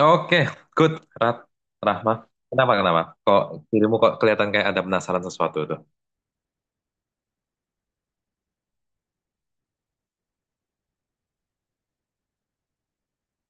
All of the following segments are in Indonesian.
Oke, good. Rah Rahma, kenapa kenapa? Kok dirimu kok kelihatan kayak ada penasaran sesuatu tuh?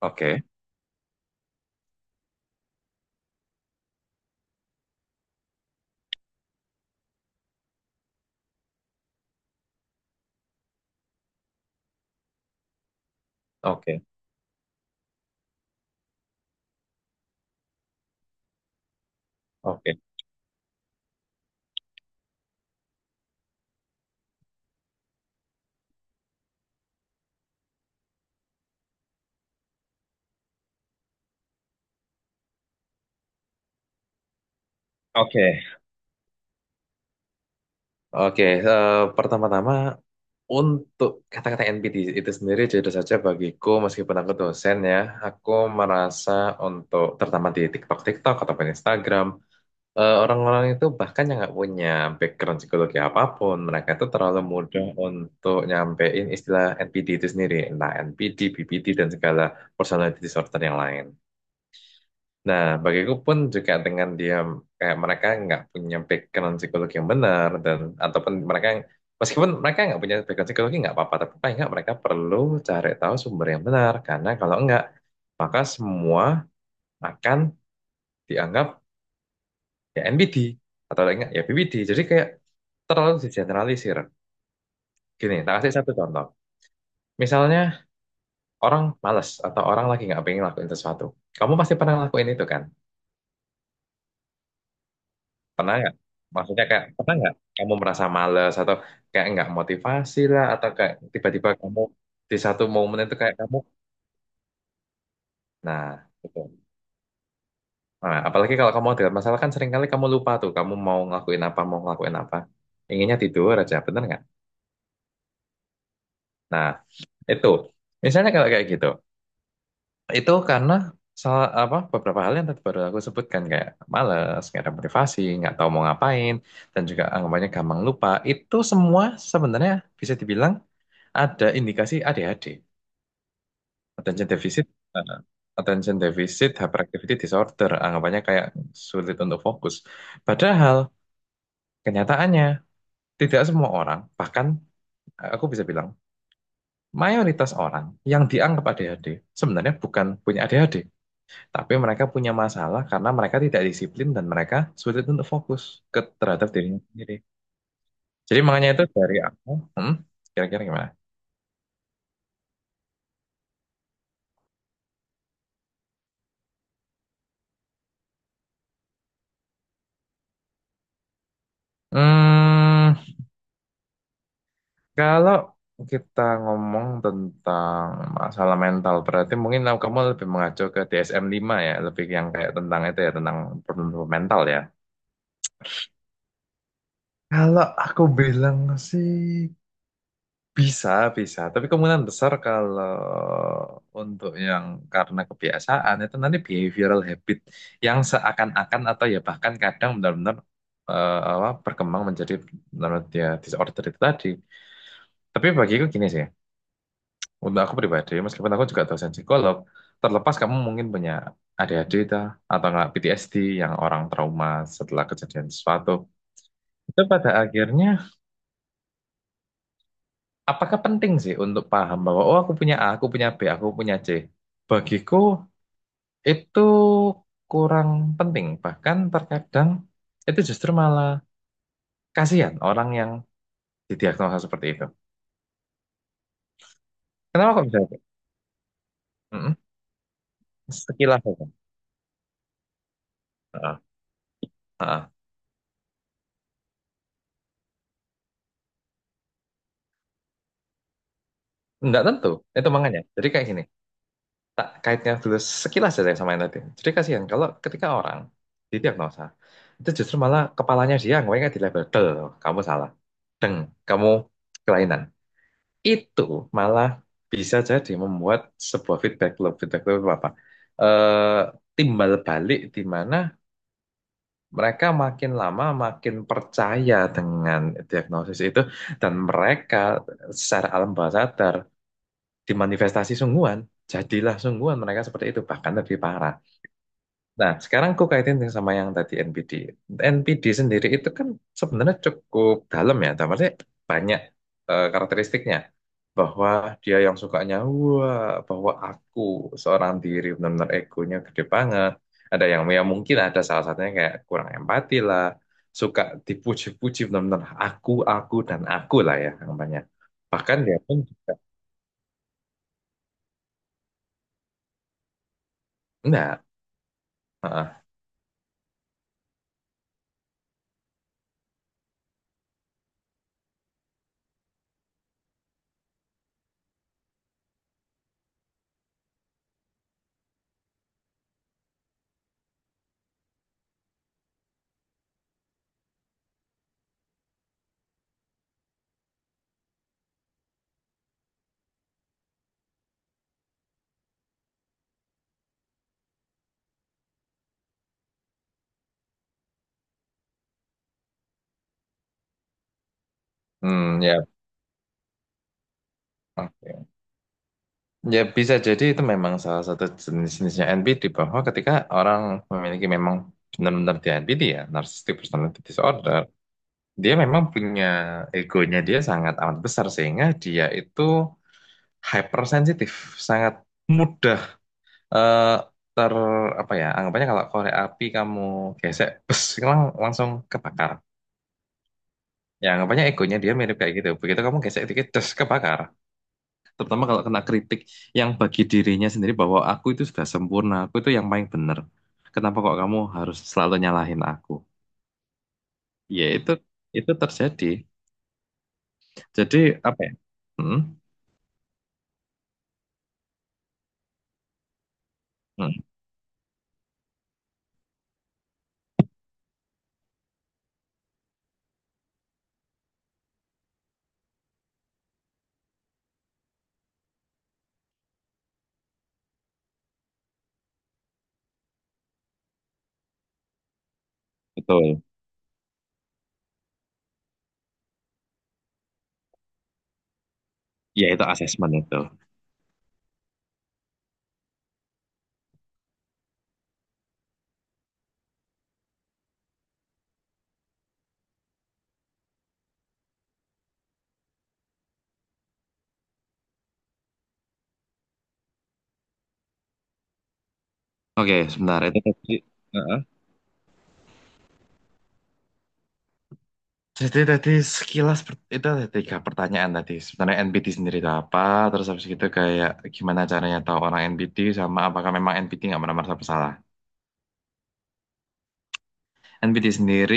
Oke, oke, oke, oke, oke. Pertama-tama untuk kata-kata NPT itu sendiri jujur saja bagiku meskipun aku dosen ya, aku merasa untuk terutama di TikTok, TikTok ataupun Instagram, orang-orang itu bahkan yang nggak punya background psikologi apapun, mereka itu terlalu mudah untuk nyampein istilah NPD itu sendiri, entah NPD, BPD, dan segala personality disorder yang lain. Nah, bagiku pun juga dengan dia kayak mereka nggak punya background psikologi yang benar, dan ataupun mereka meskipun mereka nggak punya background psikologi nggak apa-apa, tapi paling nggak mereka perlu cari tahu sumber yang benar karena kalau nggak maka semua akan dianggap ya NPD atau enggak ya BPD, jadi kayak terlalu digeneralisir. Gini tak kasih satu contoh, misalnya orang malas atau orang lagi nggak pengen lakuin sesuatu, kamu pasti pernah lakuin itu kan? Pernah nggak? Maksudnya kayak pernah nggak kamu merasa malas atau kayak nggak motivasi lah, atau kayak tiba-tiba kamu di satu momen itu kayak kamu nah gitu. Nah, apalagi kalau kamu ada masalah kan seringkali kamu lupa tuh kamu mau ngelakuin apa mau ngelakuin apa, inginnya tidur aja, bener nggak? Nah itu misalnya kalau kayak gitu. Itu karena salah apa beberapa hal yang tadi baru aku sebutkan, kayak malas, nggak ada motivasi, nggak tahu mau ngapain, dan juga anggapannya gampang lupa. Itu semua sebenarnya bisa dibilang ada indikasi ADHD, attention deficit, eh, attention deficit hyperactivity disorder, anggapannya kayak sulit untuk fokus. Padahal kenyataannya tidak semua orang, bahkan aku bisa bilang mayoritas orang yang dianggap ADHD sebenarnya bukan punya ADHD. Tapi mereka punya masalah karena mereka tidak disiplin, dan mereka sulit untuk fokus terhadap dirinya sendiri. Jadi makanya itu dari aku, hmm, kira-kira gimana? Hmm, kalau kita ngomong tentang masalah mental, berarti mungkin kamu kamu lebih mengacu ke DSM 5 ya, lebih yang kayak tentang itu ya, tentang problem mental ya. Kalau aku bilang sih, bisa, bisa. Tapi kemungkinan besar kalau untuk yang karena kebiasaan itu nanti behavioral habit yang seakan-akan atau ya bahkan kadang benar-benar, berkembang menjadi menurut dia disorder itu tadi. Tapi bagiku gini sih, untuk aku pribadi, meskipun aku juga dosen psikolog, terlepas kamu mungkin punya ADHD itu atau nggak PTSD yang orang trauma setelah kejadian sesuatu, itu pada akhirnya apakah penting sih untuk paham bahwa oh aku punya A, aku punya B, aku punya C? Bagiku itu kurang penting. Bahkan terkadang itu justru malah kasihan orang yang didiagnosa seperti itu. Kenapa kok bisa itu? Mm-mm. Sekilas aja. Heeh, heeh. Nggak tentu. Itu makanya. Jadi kayak gini. Tak kaitnya dulu sekilas aja sama yang tadi. Jadi kasihan kalau ketika orang didiagnosa itu justru malah kepalanya dia yang nggak dilabel. Del, kamu salah. Deng, kamu kelainan. Itu malah bisa jadi membuat sebuah feedback loop. Feedback loop itu apa? Eh, timbal balik di mana mereka makin lama makin percaya dengan diagnosis itu, dan mereka secara alam bawah sadar dimanifestasi sungguhan, jadilah sungguhan mereka seperti itu, bahkan lebih parah. Nah, sekarang aku kaitin yang sama yang tadi NPD. NPD sendiri itu kan sebenarnya cukup dalam ya, tapi banyak karakteristiknya. Bahwa dia yang sukanya, wah, bahwa aku seorang diri, benar-benar egonya gede banget. Ada yang ya mungkin ada salah satunya kayak kurang empati lah, suka dipuji-puji, benar-benar aku, dan aku lah ya, namanya. Bahkan dia pun juga, enggak, heeh. Hmm, ya, oke. Ya bisa jadi itu memang salah satu jenis-jenisnya NPD, bahwa ketika orang memiliki memang benar-benar di NPD ya, narcissistic personality disorder, dia memang punya egonya dia sangat amat besar sehingga dia itu hypersensitif, sangat mudah eh, ter apa ya, anggapannya kalau korek api kamu gesek, bes, langsung kebakar. Ya anggapannya egonya dia mirip kayak gitu. Begitu kamu gesek dikit, des, kebakar. Terutama kalau kena kritik yang bagi dirinya sendiri bahwa aku itu sudah sempurna, aku itu yang paling benar. Kenapa kok kamu harus selalu nyalahin aku? Ya itu terjadi. Jadi apa ya? Hmm, hmm, betul. Ya itu asesmen itu. Oke, sebentar itu tadi. Heeh. Jadi tadi sekilas itu ada tiga pertanyaan tadi. Sebenarnya NPT sendiri itu apa? Terus habis itu kayak gimana caranya tahu orang NPT sama apakah memang NPT nggak pernah merasa bersalah? NPT sendiri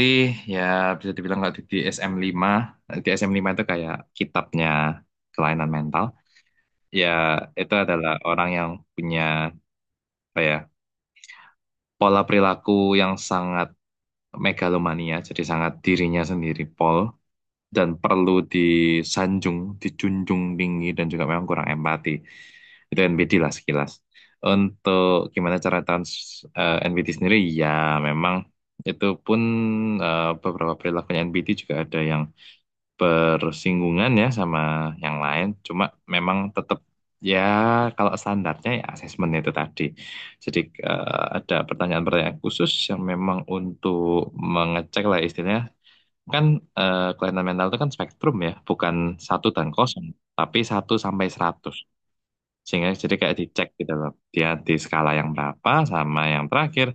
ya bisa dibilang kalau di DSM-5, di DSM lima D S M lima itu kayak kitabnya kelainan mental. Ya itu adalah orang yang punya apa ya pola perilaku yang sangat megalomania, jadi sangat dirinya sendiri pol, dan perlu disanjung, dijunjung tinggi, dan juga memang kurang empati. Itu NPT lah sekilas. Untuk gimana cara NPT sendiri, ya memang itu pun beberapa perilakunya NPT juga ada yang bersinggungan ya sama yang lain. Cuma memang tetap ya kalau standarnya ya asesmen itu tadi. Jadi ada pertanyaan-pertanyaan khusus yang memang untuk mengecek lah istilahnya. Kan kelainan mental itu kan spektrum ya, bukan satu dan kosong, tapi satu sampai 100. Sehingga jadi kayak dicek gitu loh. Dia di skala yang berapa sama yang terakhir.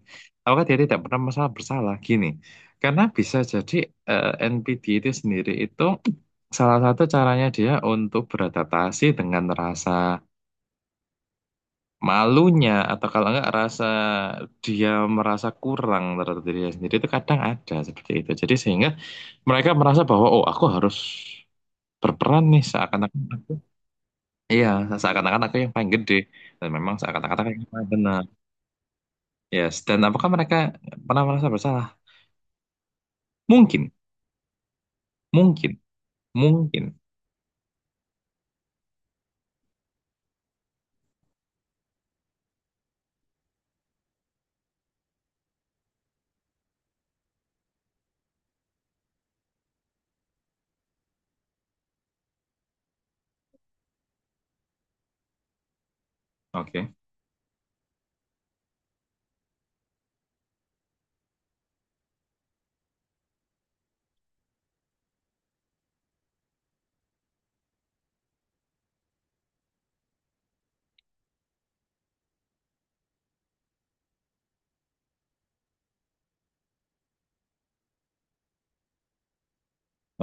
Apakah dia tidak pernah masalah bersalah? Gini, karena bisa jadi NPD itu sendiri itu salah satu caranya dia untuk beradaptasi dengan rasa malunya atau kalau enggak rasa dia merasa kurang terhadap dirinya sendiri itu kadang ada seperti itu. Jadi sehingga mereka merasa bahwa oh aku harus berperan nih seakan-akan aku iya seakan-akan aku yang paling gede dan memang seakan-akan aku yang paling benar. Yes, dan apakah mereka pernah merasa bersalah? Mungkin, mungkin, mungkin. Oke,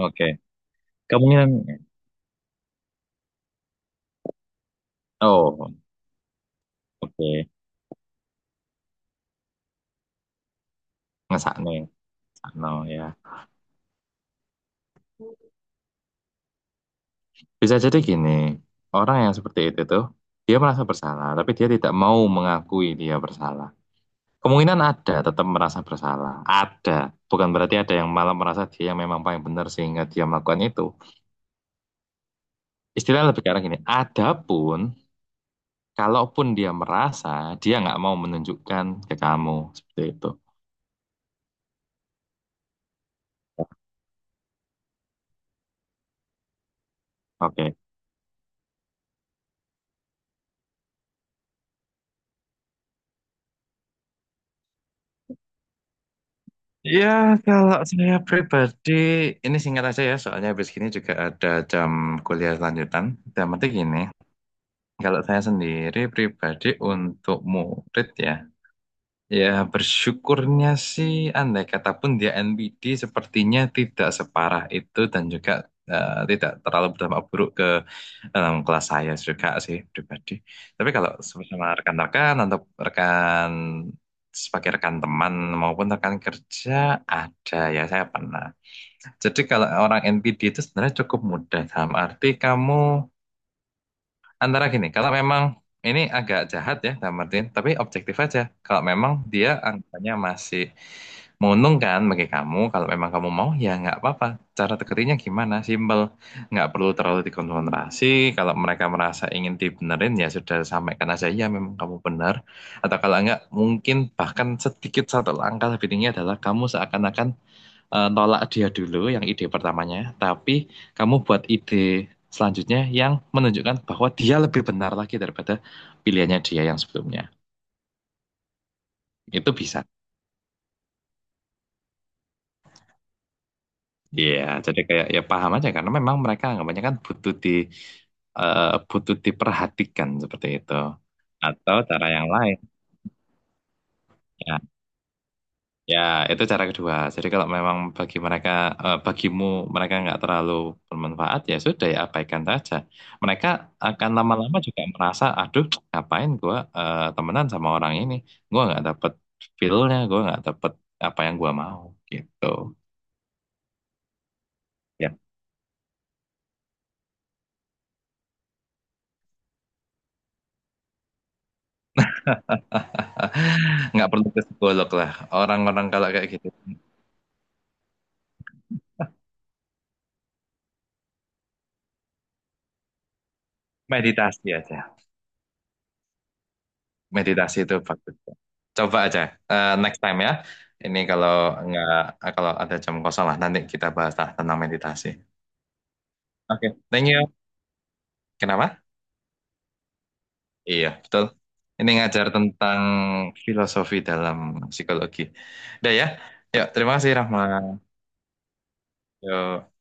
oke. Kemungkinan oh, oke. Ngesakno, ya, ngesakno ya. Bisa jadi gini, orang yang seperti itu tuh, dia merasa bersalah, tapi dia tidak mau mengakui dia bersalah. Kemungkinan ada, tetap merasa bersalah. Ada. Bukan berarti ada yang malah merasa dia yang memang paling benar sehingga dia melakukan itu. Istilahnya lebih ke arah gini, adapun, kalaupun dia merasa, dia nggak mau menunjukkan ke kamu. Seperti itu. Oke. Ya, kalau saya pribadi, ini singkat aja ya, soalnya habis ini juga ada jam kuliah lanjutan. Dan penting gini, kalau saya sendiri pribadi untuk murid ya, ya bersyukurnya sih andai kata pun dia NPD sepertinya tidak separah itu, dan juga tidak terlalu berdampak buruk ke dalam kelas saya juga sih pribadi. Tapi kalau sama rekan-rekan atau rekan sebagai rekan teman maupun rekan kerja, ada ya saya pernah. Jadi kalau orang NPD itu sebenarnya cukup mudah dalam arti kamu antara gini, kalau memang ini agak jahat ya, Kak Martin, tapi objektif aja. Kalau memang dia angkanya masih menguntungkan bagi kamu, kalau memang kamu mau ya nggak apa-apa. Cara tekerinya gimana? Simpel, nggak perlu terlalu dikonfrontasi. Kalau mereka merasa ingin dibenerin ya sudah sampaikan aja ya memang kamu benar. Atau kalau nggak mungkin bahkan sedikit satu langkah lebih tinggi adalah kamu seakan-akan nolak dia dulu yang ide pertamanya, tapi kamu buat ide selanjutnya yang menunjukkan bahwa dia lebih benar lagi daripada pilihannya dia yang sebelumnya. Itu bisa. Iya, jadi kayak ya paham aja karena memang mereka anggapannya kan butuh butuh diperhatikan seperti itu. Atau cara yang lain. Ya, ya, itu cara kedua. Jadi kalau memang bagi mereka, eh, bagimu mereka nggak terlalu bermanfaat, ya sudah ya abaikan saja. Mereka akan lama-lama juga merasa, aduh, ngapain gua temenan sama orang ini? Gua nggak dapet feel-nya, gua nggak dapet apa yang gua mau, gitu. Ya, nggak perlu ke psikolog lah. Orang-orang kalau kayak gitu, meditasi aja. Meditasi itu bagus. Coba aja next time ya. Ini kalau nggak kalau ada jam kosong lah nanti kita bahas lah tentang meditasi. Oke, thank you. Kenapa? Iya, betul. Ini ngajar tentang filosofi dalam psikologi. Udah ya. Yuk, terima kasih Rahma. Yuk.